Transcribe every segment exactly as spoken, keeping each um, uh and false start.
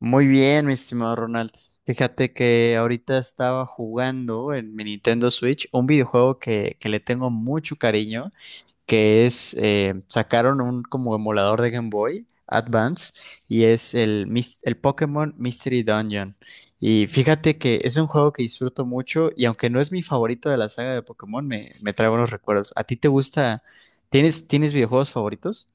Muy bien, mi estimado Ronald. Fíjate que ahorita estaba jugando en mi Nintendo Switch un videojuego que, que le tengo mucho cariño, que es, eh, sacaron un como emulador de Game Boy Advance y es el, mis- el Pokémon Mystery Dungeon. Y fíjate que es un juego que disfruto mucho y aunque no es mi favorito de la saga de Pokémon, me, me trae buenos recuerdos. ¿A ti te gusta? ¿Tienes, tienes videojuegos favoritos?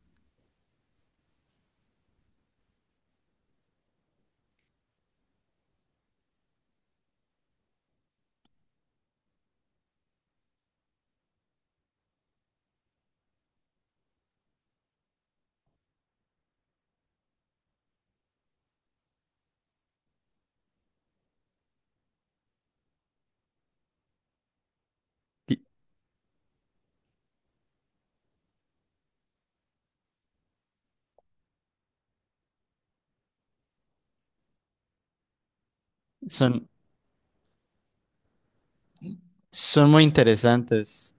Ti- Son, son muy interesantes.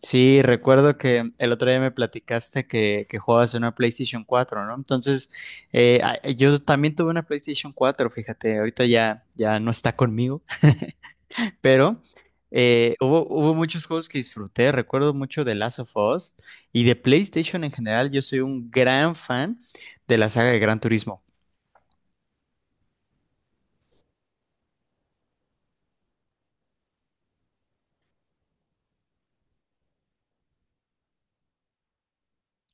Sí, recuerdo que el otro día me platicaste que, que jugabas en una PlayStation cuatro, ¿no? Entonces, eh, a- eh, yo también tuve una PlayStation cuatro. Fíjate, ahorita ya, ya no está conmigo, pero eh, hubo, hubo muchos juegos que disfruté, recuerdo mucho de Last of Us y de PlayStation en general. Yo soy un gran fan de la saga de Gran Turismo.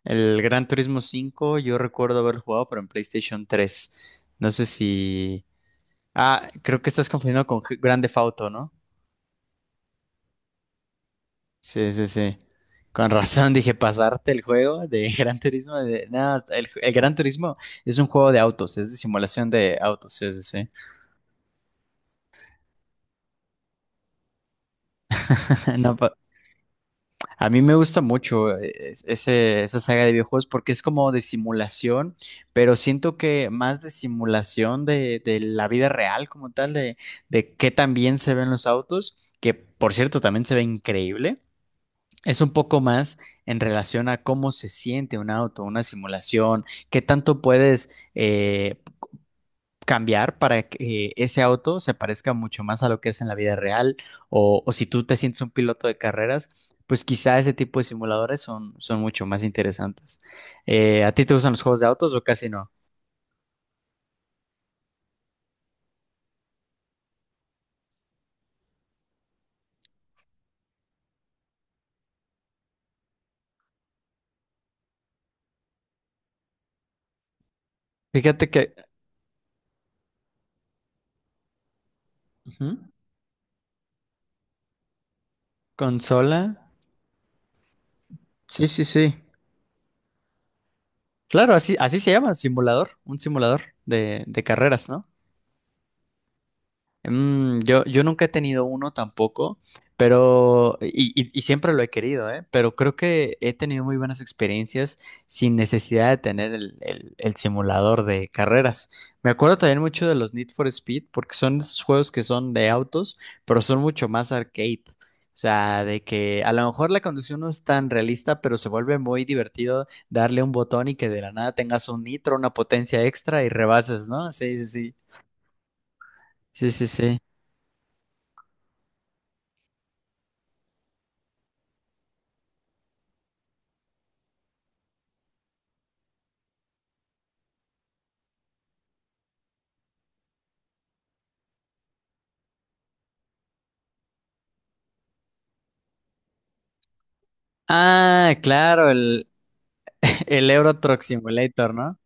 El Gran Turismo cinco, yo recuerdo haber jugado, pero en PlayStation tres. No sé si. Ah, creo que estás confundiendo con G- Grand Theft Auto, ¿no? Sí, sí, sí. Con razón dije, pasarte el juego de Gran Turismo. De... No, el, el Gran Turismo es un juego de autos, es de simulación de autos, sí, sí, sí. No, pa- a mí me gusta mucho eh, es- ese, esa saga de videojuegos porque es como de simulación, pero siento que más de simulación de, de la vida real como tal, de, de qué tan bien se ven los autos, que por cierto también se ve increíble. Es un poco más en relación a cómo se siente un auto, una simulación, qué tanto puedes eh, cambiar para que ese auto se parezca mucho más a lo que es en la vida real, o, o si tú te sientes un piloto de carreras, pues quizá ese tipo de simuladores son, son mucho más interesantes. Eh, ¿a ti te gustan los juegos de autos o casi no? Fíjate que. Ujú. Consola. Sí, sí, sí. Claro, así, así se llama, simulador, un simulador de, de carreras, ¿no? Mm, yo, yo nunca he tenido uno tampoco, pero, y, y- y siempre lo he querido, ¿eh? Pero creo que he tenido muy buenas experiencias sin necesidad de tener el, el- el simulador de carreras. Me acuerdo también mucho de los Need for Speed, porque son esos juegos que son de autos, pero son mucho más arcade. O sea, de que a lo mejor la conducción no es tan realista, pero se vuelve muy divertido darle un botón y que de la nada tengas un nitro, una potencia extra y rebases, ¿no? Sí, sí, sí. Sí, sí, sí. Ah, claro, el, el Euro Truck Simulator, ¿no?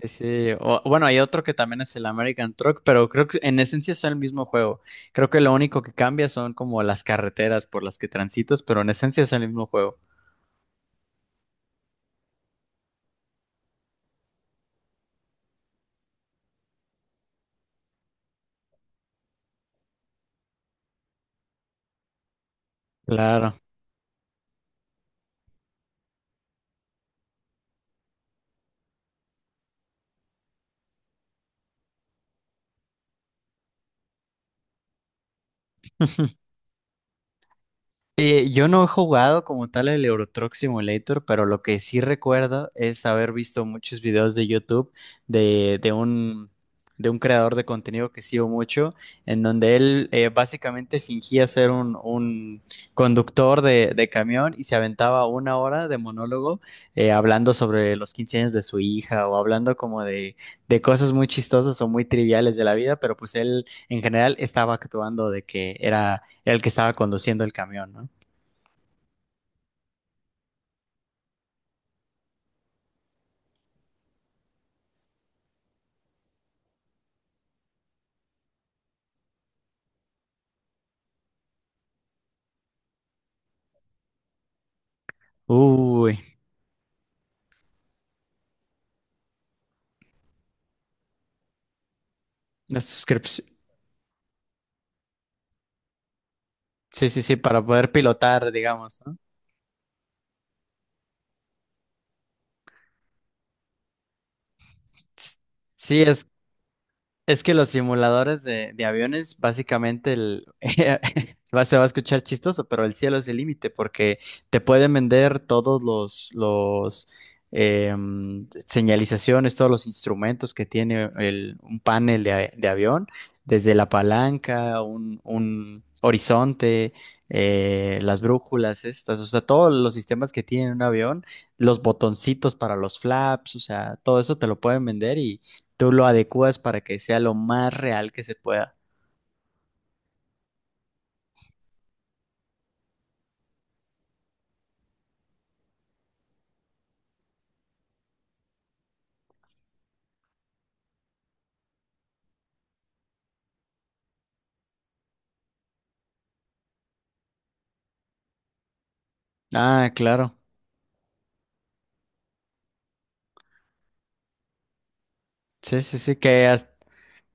Sí, sí. O- bueno, hay otro que también es el American Truck, pero creo que en esencia son el mismo juego. Creo que lo único que cambia son como las carreteras por las que transitas, pero en esencia es el mismo juego. Claro. Eh, yo no he jugado como tal el Euro Truck Simulator, pero lo que sí recuerdo es haber visto muchos videos de YouTube de, de un, de un creador de contenido que sigo mucho, en donde él eh, básicamente fingía ser un, un conductor de, de camión y se aventaba una hora de monólogo eh, hablando sobre los quince años de su hija o hablando como de, de cosas muy chistosas o muy triviales de la vida, pero pues él en general estaba actuando de que era el que estaba conduciendo el camión, ¿no? Uy, la suscripción. Sí, sí, sí, para poder pilotar, digamos, ¿no? S- Sí, es Es que los simuladores de, de aviones, básicamente, el, va- se va a escuchar chistoso, pero el cielo es el límite porque te pueden vender todos los, los em, señalizaciones, todos los instrumentos que tiene el- un panel de, a- de avión, desde la palanca, un, un horizonte, eh, las brújulas estas, o sea, todos los sistemas que tiene un avión, los botoncitos para los flaps, o sea, todo eso te lo pueden vender, tú lo adecuas para que sea lo más real que se pueda. Ah, claro. Sí, sí, sí, que hasta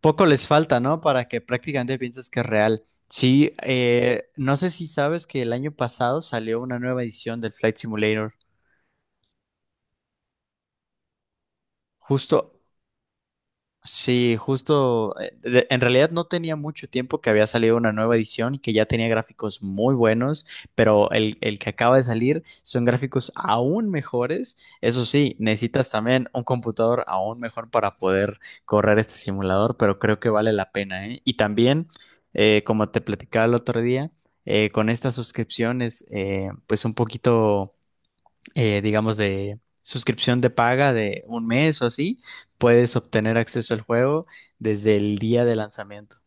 poco les falta, ¿no? Para que prácticamente pienses que es real. Sí, eh, no sé si sabes que el año pasado salió una nueva edición del Flight Simulator. Justo Sí, justo, eh, de- en realidad no tenía mucho tiempo que había salido una nueva edición y que ya tenía gráficos muy buenos, pero el, el que acaba de salir son gráficos aún mejores. Eso sí, necesitas también un computador aún mejor para poder correr este simulador, pero creo que vale la pena, ¿eh? Y también, eh, como te platicaba el otro día, eh, con estas suscripciones, eh, pues un poquito eh, digamos, de suscripción de paga de un mes o así, puedes obtener acceso al juego desde el día de lanzamiento.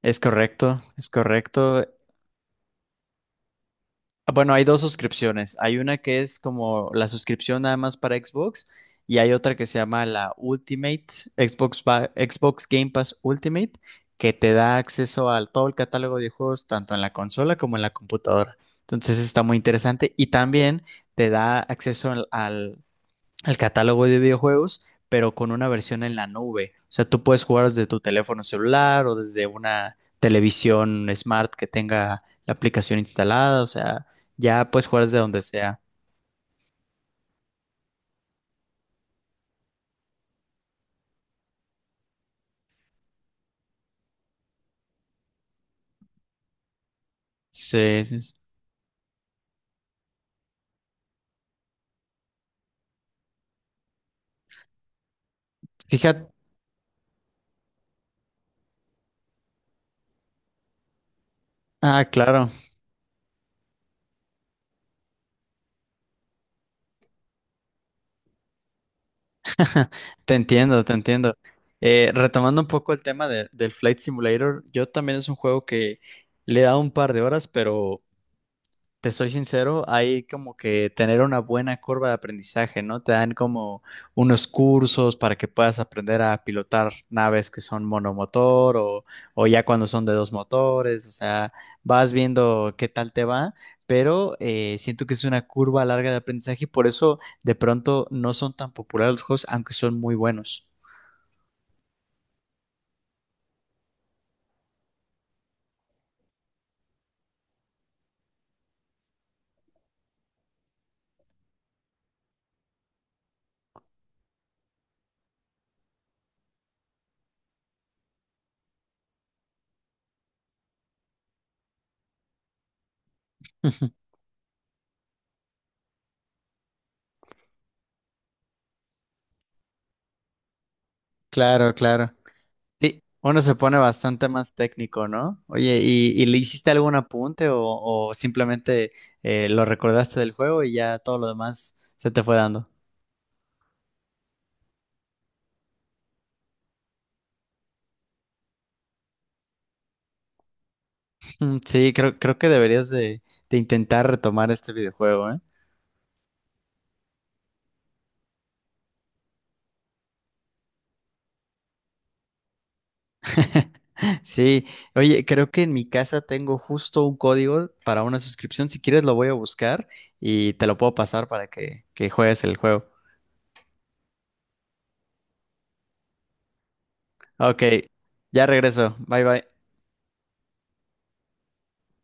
Es correcto, es correcto. Ah, bueno, hay dos suscripciones. Hay una que es como la suscripción nada más para Xbox y hay otra que se llama la Ultimate, Xbox, Ba- Xbox Game Pass Ultimate, que te da acceso a todo el catálogo de juegos, tanto en la consola como en la computadora. Entonces está muy interesante y también te da acceso al, al al catálogo de videojuegos, pero con una versión en la nube. O sea, tú puedes jugar desde tu teléfono celular o desde una televisión smart que tenga la aplicación instalada. O sea, ya puedes jugar desde donde sea. Sí, sí, sí. Fíjate. Ah, claro. Te entiendo, te entiendo. Eh, retomando un poco el tema de- del Flight Simulator, yo también es un juego que le he dado un par de horas, pero Te soy sincero, hay como que tener una buena curva de aprendizaje, ¿no? Te dan como unos cursos para que puedas aprender a pilotar naves que son monomotor o, o ya cuando son de dos motores, o sea, vas viendo qué tal te va, pero eh, siento que es una curva larga de aprendizaje y por eso de pronto no son tan populares los juegos, aunque son muy buenos. Claro, claro. Sí, uno se pone bastante más técnico, ¿no? Oye, ¿y, y le hiciste algún apunte o, o simplemente eh, lo recordaste del juego y ya todo lo demás se te fue dando? Mm, sí, creo, creo que deberías de, de intentar retomar este videojuego, ¿eh? Sí, oye, creo que en mi casa tengo justo un código para una suscripción. Si quieres lo voy a buscar y te lo puedo pasar para que, que juegues el juego. Ok, ya regreso. Bye bye.